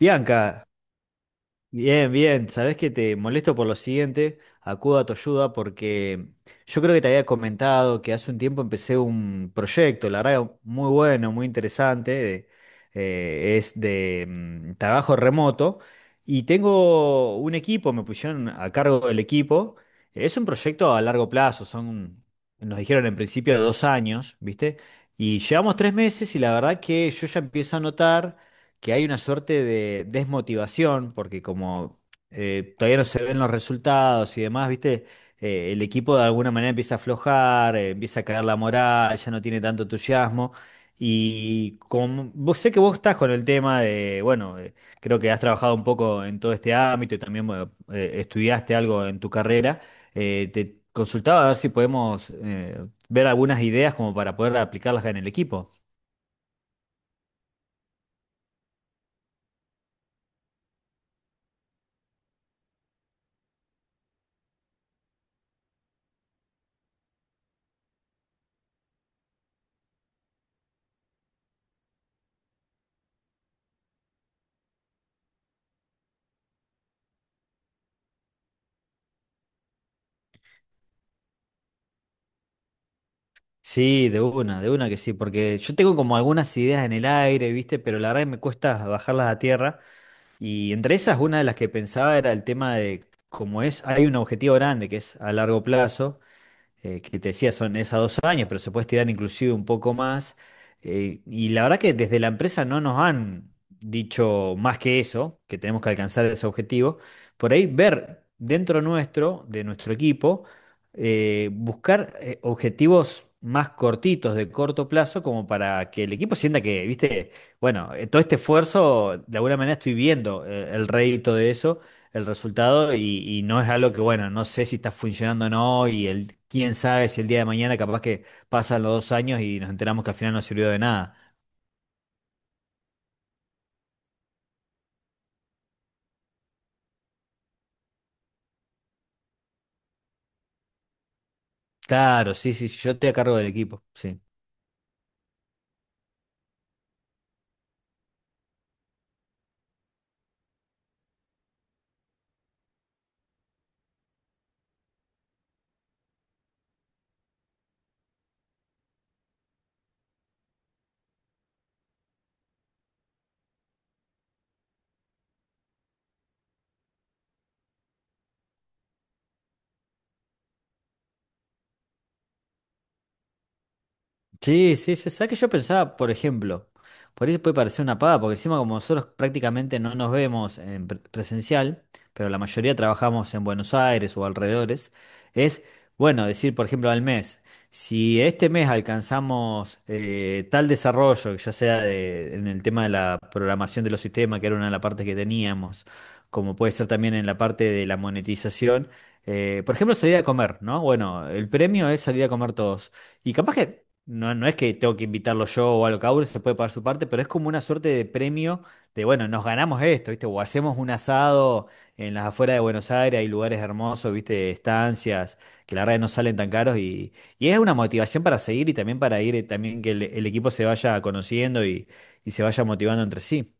Bianca, bien, bien. Sabés que te molesto por lo siguiente. Acudo a tu ayuda porque yo creo que te había comentado que hace un tiempo empecé un proyecto, la verdad, muy bueno, muy interesante. Es de trabajo remoto y tengo un equipo, me pusieron a cargo del equipo. Es un proyecto a largo plazo, son, nos dijeron en principio 2 años, ¿viste? Y llevamos 3 meses y la verdad que yo ya empiezo a notar que hay una suerte de desmotivación, porque como todavía no se ven los resultados y demás, ¿viste? El equipo de alguna manera empieza a aflojar, empieza a caer la moral, ya no tiene tanto entusiasmo. Y como vos sé que vos estás con el tema de, bueno, creo que has trabajado un poco en todo este ámbito y también bueno, estudiaste algo en tu carrera, te consultaba a ver si podemos ver algunas ideas como para poder aplicarlas en el equipo. Sí, de una que sí, porque yo tengo como algunas ideas en el aire, ¿viste? Pero la verdad que me cuesta bajarlas a tierra. Y entre esas, una de las que pensaba era el tema de, como es, hay un objetivo grande que es a largo plazo que te decía son esas 2 años, pero se puede estirar inclusive un poco más. Y la verdad que desde la empresa no nos han dicho más que eso, que tenemos que alcanzar ese objetivo. Por ahí ver dentro nuestro, de nuestro equipo, buscar objetivos más cortitos, de corto plazo, como para que el equipo sienta que, viste, bueno, todo este esfuerzo, de alguna manera estoy viendo el rédito de eso, el resultado y no es algo que, bueno, no sé si está funcionando o no y el, quién sabe si el día de mañana capaz que pasan los 2 años y nos enteramos que al final no sirvió de nada. Claro, sí, sí, sí, yo estoy a cargo del equipo, sí. Sí, sí, sí. ¿Sabes que yo pensaba, por ejemplo, por ahí puede parecer una paga, porque encima como nosotros prácticamente no nos vemos en presencial, pero la mayoría trabajamos en Buenos Aires o alrededores, es, bueno, decir, por ejemplo, al mes, si este mes alcanzamos tal desarrollo, ya sea en el tema de la programación de los sistemas, que era una de las partes que teníamos, como puede ser también en la parte de la monetización, por ejemplo, salir a comer, ¿no? Bueno, el premio es salir a comer todos. Y capaz que no, no es que tengo que invitarlo yo o algo, cada uno se puede pagar su parte, pero es como una suerte de premio de, bueno, nos ganamos esto, ¿viste? O hacemos un asado en las afueras de Buenos Aires, hay lugares hermosos, ¿viste? Estancias, que la verdad no salen tan caros, y es una motivación para seguir y también para ir, también que el equipo se vaya conociendo y se vaya motivando entre sí.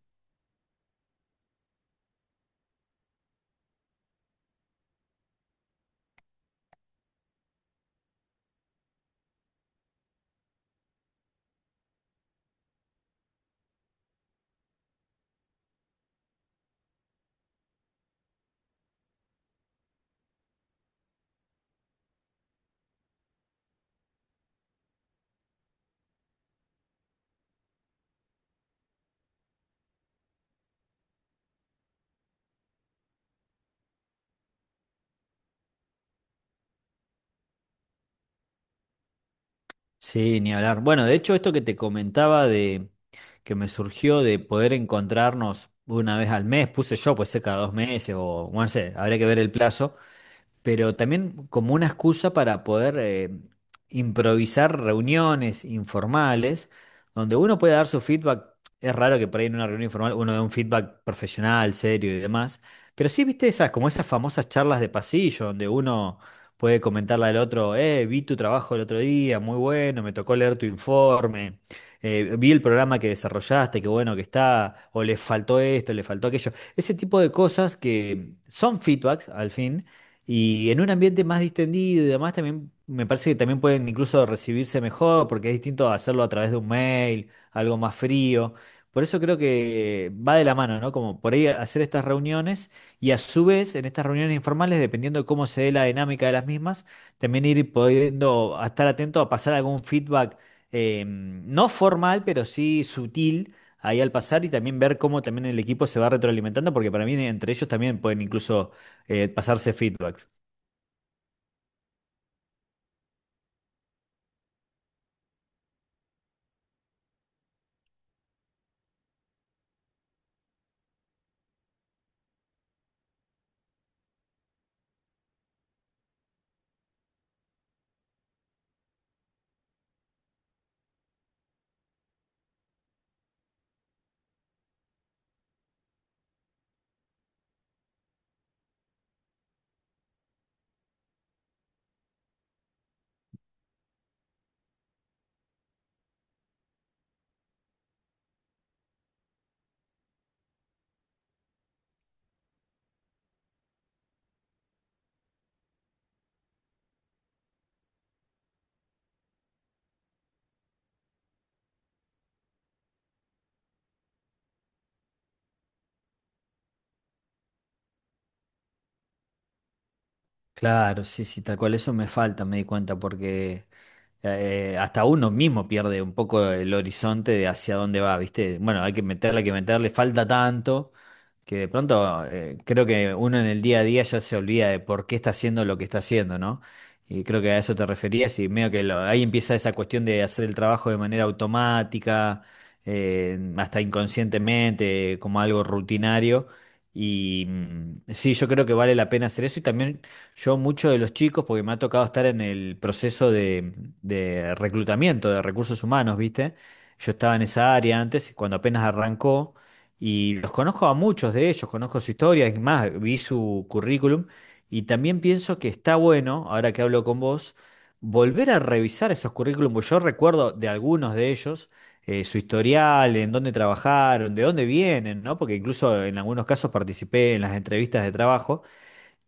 Sí, ni hablar. Bueno, de hecho, esto que te comentaba de que me surgió de poder encontrarnos una vez al mes, puse yo, pues sé cada 2 meses o, bueno, no sé, habría que ver el plazo, pero también como una excusa para poder improvisar reuniones informales donde uno puede dar su feedback. Es raro que por ahí en una reunión informal uno dé un feedback profesional, serio y demás, pero sí, viste esas, como esas famosas charlas de pasillo donde uno puede comentarle al otro, vi tu trabajo el otro día, muy bueno, me tocó leer tu informe. Vi el programa que desarrollaste, qué bueno que está, o le faltó esto, le faltó aquello. Ese tipo de cosas que son feedbacks al fin, y en un ambiente más distendido y demás, también me parece que también pueden incluso recibirse mejor, porque es distinto hacerlo a través de un mail, algo más frío. Por eso creo que va de la mano, ¿no? Como por ahí hacer estas reuniones y a su vez en estas reuniones informales, dependiendo de cómo se dé la dinámica de las mismas, también ir pudiendo a estar atento a pasar algún feedback no formal, pero sí sutil ahí al pasar y también ver cómo también el equipo se va retroalimentando, porque para mí entre ellos también pueden incluso pasarse feedbacks. Claro, sí, sí, tal cual eso me falta, me di cuenta, porque hasta uno mismo pierde un poco el horizonte de hacia dónde va, ¿viste? Bueno, hay que meterle, falta tanto, que de pronto creo que uno en el día a día ya se olvida de por qué está haciendo lo que está haciendo, ¿no? Y creo que a eso te referías y medio que ahí empieza esa cuestión de hacer el trabajo de manera automática, hasta inconscientemente, como algo rutinario. Y mm, sí, yo creo que vale la pena hacer eso y también yo muchos de los chicos, porque me ha tocado estar en el proceso de reclutamiento de recursos humanos, ¿viste? Yo estaba en esa área antes, cuando apenas arrancó, y los conozco a muchos de ellos, conozco su historia, es más, vi su currículum, y también pienso que está bueno, ahora que hablo con vos, volver a revisar esos currículums, porque yo recuerdo de algunos de ellos, su historial, en dónde trabajaron, de dónde vienen, ¿no? Porque incluso en algunos casos participé en las entrevistas de trabajo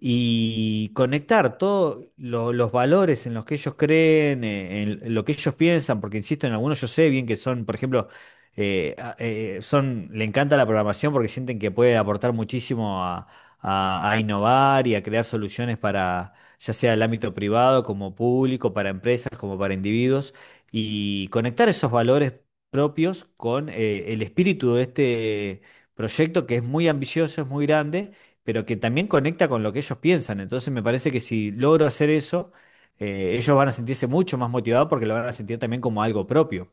y conectar todos los valores en los que ellos creen, en lo que ellos piensan, porque insisto, en algunos yo sé bien que son, por ejemplo, le encanta la programación porque sienten que puede aportar muchísimo a, a innovar y a crear soluciones para, ya sea el ámbito privado, como público, para empresas, como para individuos, y conectar esos valores propios con el espíritu de este proyecto que es muy ambicioso, es muy grande pero que también conecta con lo que ellos piensan. Entonces me parece que si logro hacer eso, ellos van a sentirse mucho más motivados porque lo van a sentir también como algo propio.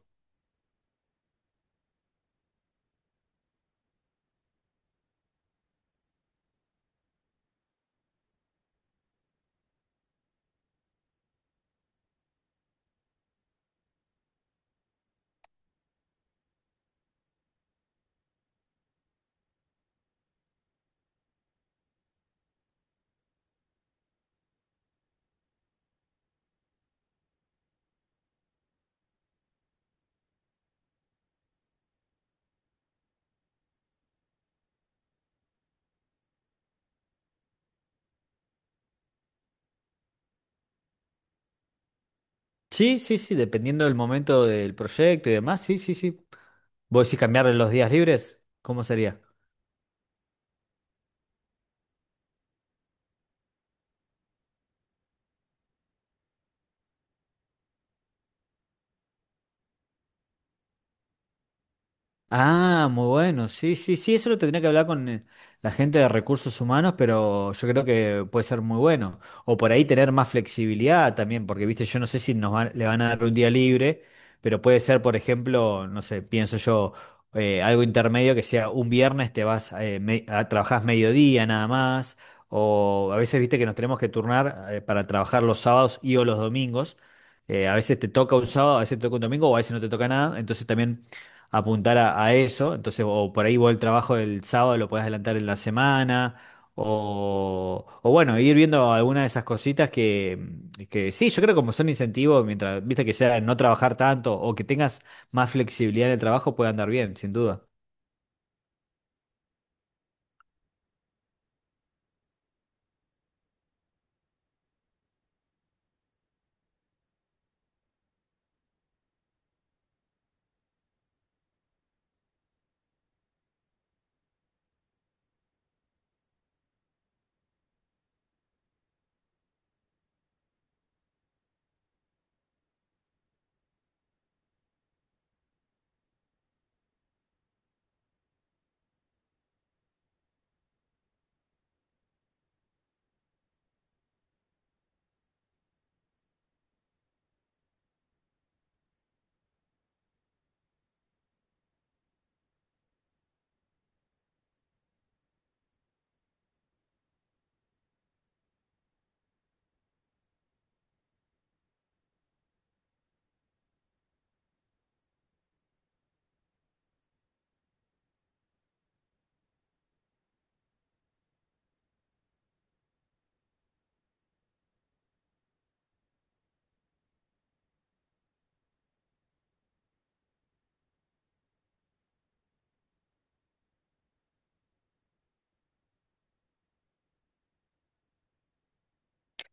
Sí, sí, sí, dependiendo del momento del proyecto y demás, sí, sí, sí. ¿Vos decís cambiarle los días libres? ¿Cómo sería? Ah, muy bueno. Sí, sí, sí, eso lo tendría que hablar con la gente de recursos humanos, pero yo creo que puede ser muy bueno. O por ahí tener más flexibilidad también, porque, viste, yo no sé si nos van, le van a dar un día libre, pero puede ser, por ejemplo, no sé, pienso yo, algo intermedio que sea un viernes te vas, trabajás mediodía nada más, o a veces, viste, que nos tenemos que turnar, para trabajar los sábados y o los domingos. A veces te toca un sábado, a veces te toca un domingo, o a veces no te toca nada. Entonces también apuntar a eso. Entonces, o por ahí vos el trabajo del sábado lo podés adelantar en la semana. O bueno, ir viendo algunas de esas cositas que sí, yo creo que como son incentivos, mientras, viste que sea no trabajar tanto o que tengas más flexibilidad en el trabajo, puede andar bien, sin duda.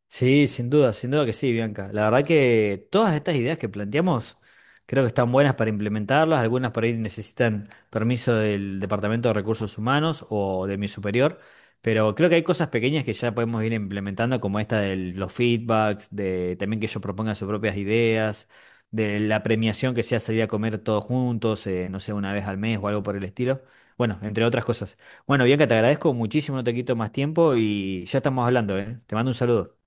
Sí, sin duda, sin duda que sí, Bianca. La verdad que todas estas ideas que planteamos creo que están buenas para implementarlas, algunas por ahí necesitan permiso del Departamento de Recursos Humanos o de mi superior, pero creo que hay cosas pequeñas que ya podemos ir implementando, como esta de los feedbacks, de también que ellos propongan sus propias ideas, de la premiación que sea salir a comer todos juntos, no sé, una vez al mes o algo por el estilo. Bueno, entre otras cosas. Bueno, Bianca, te agradezco muchísimo, no te quito más tiempo y ya estamos hablando, ¿eh? Te mando un saludo.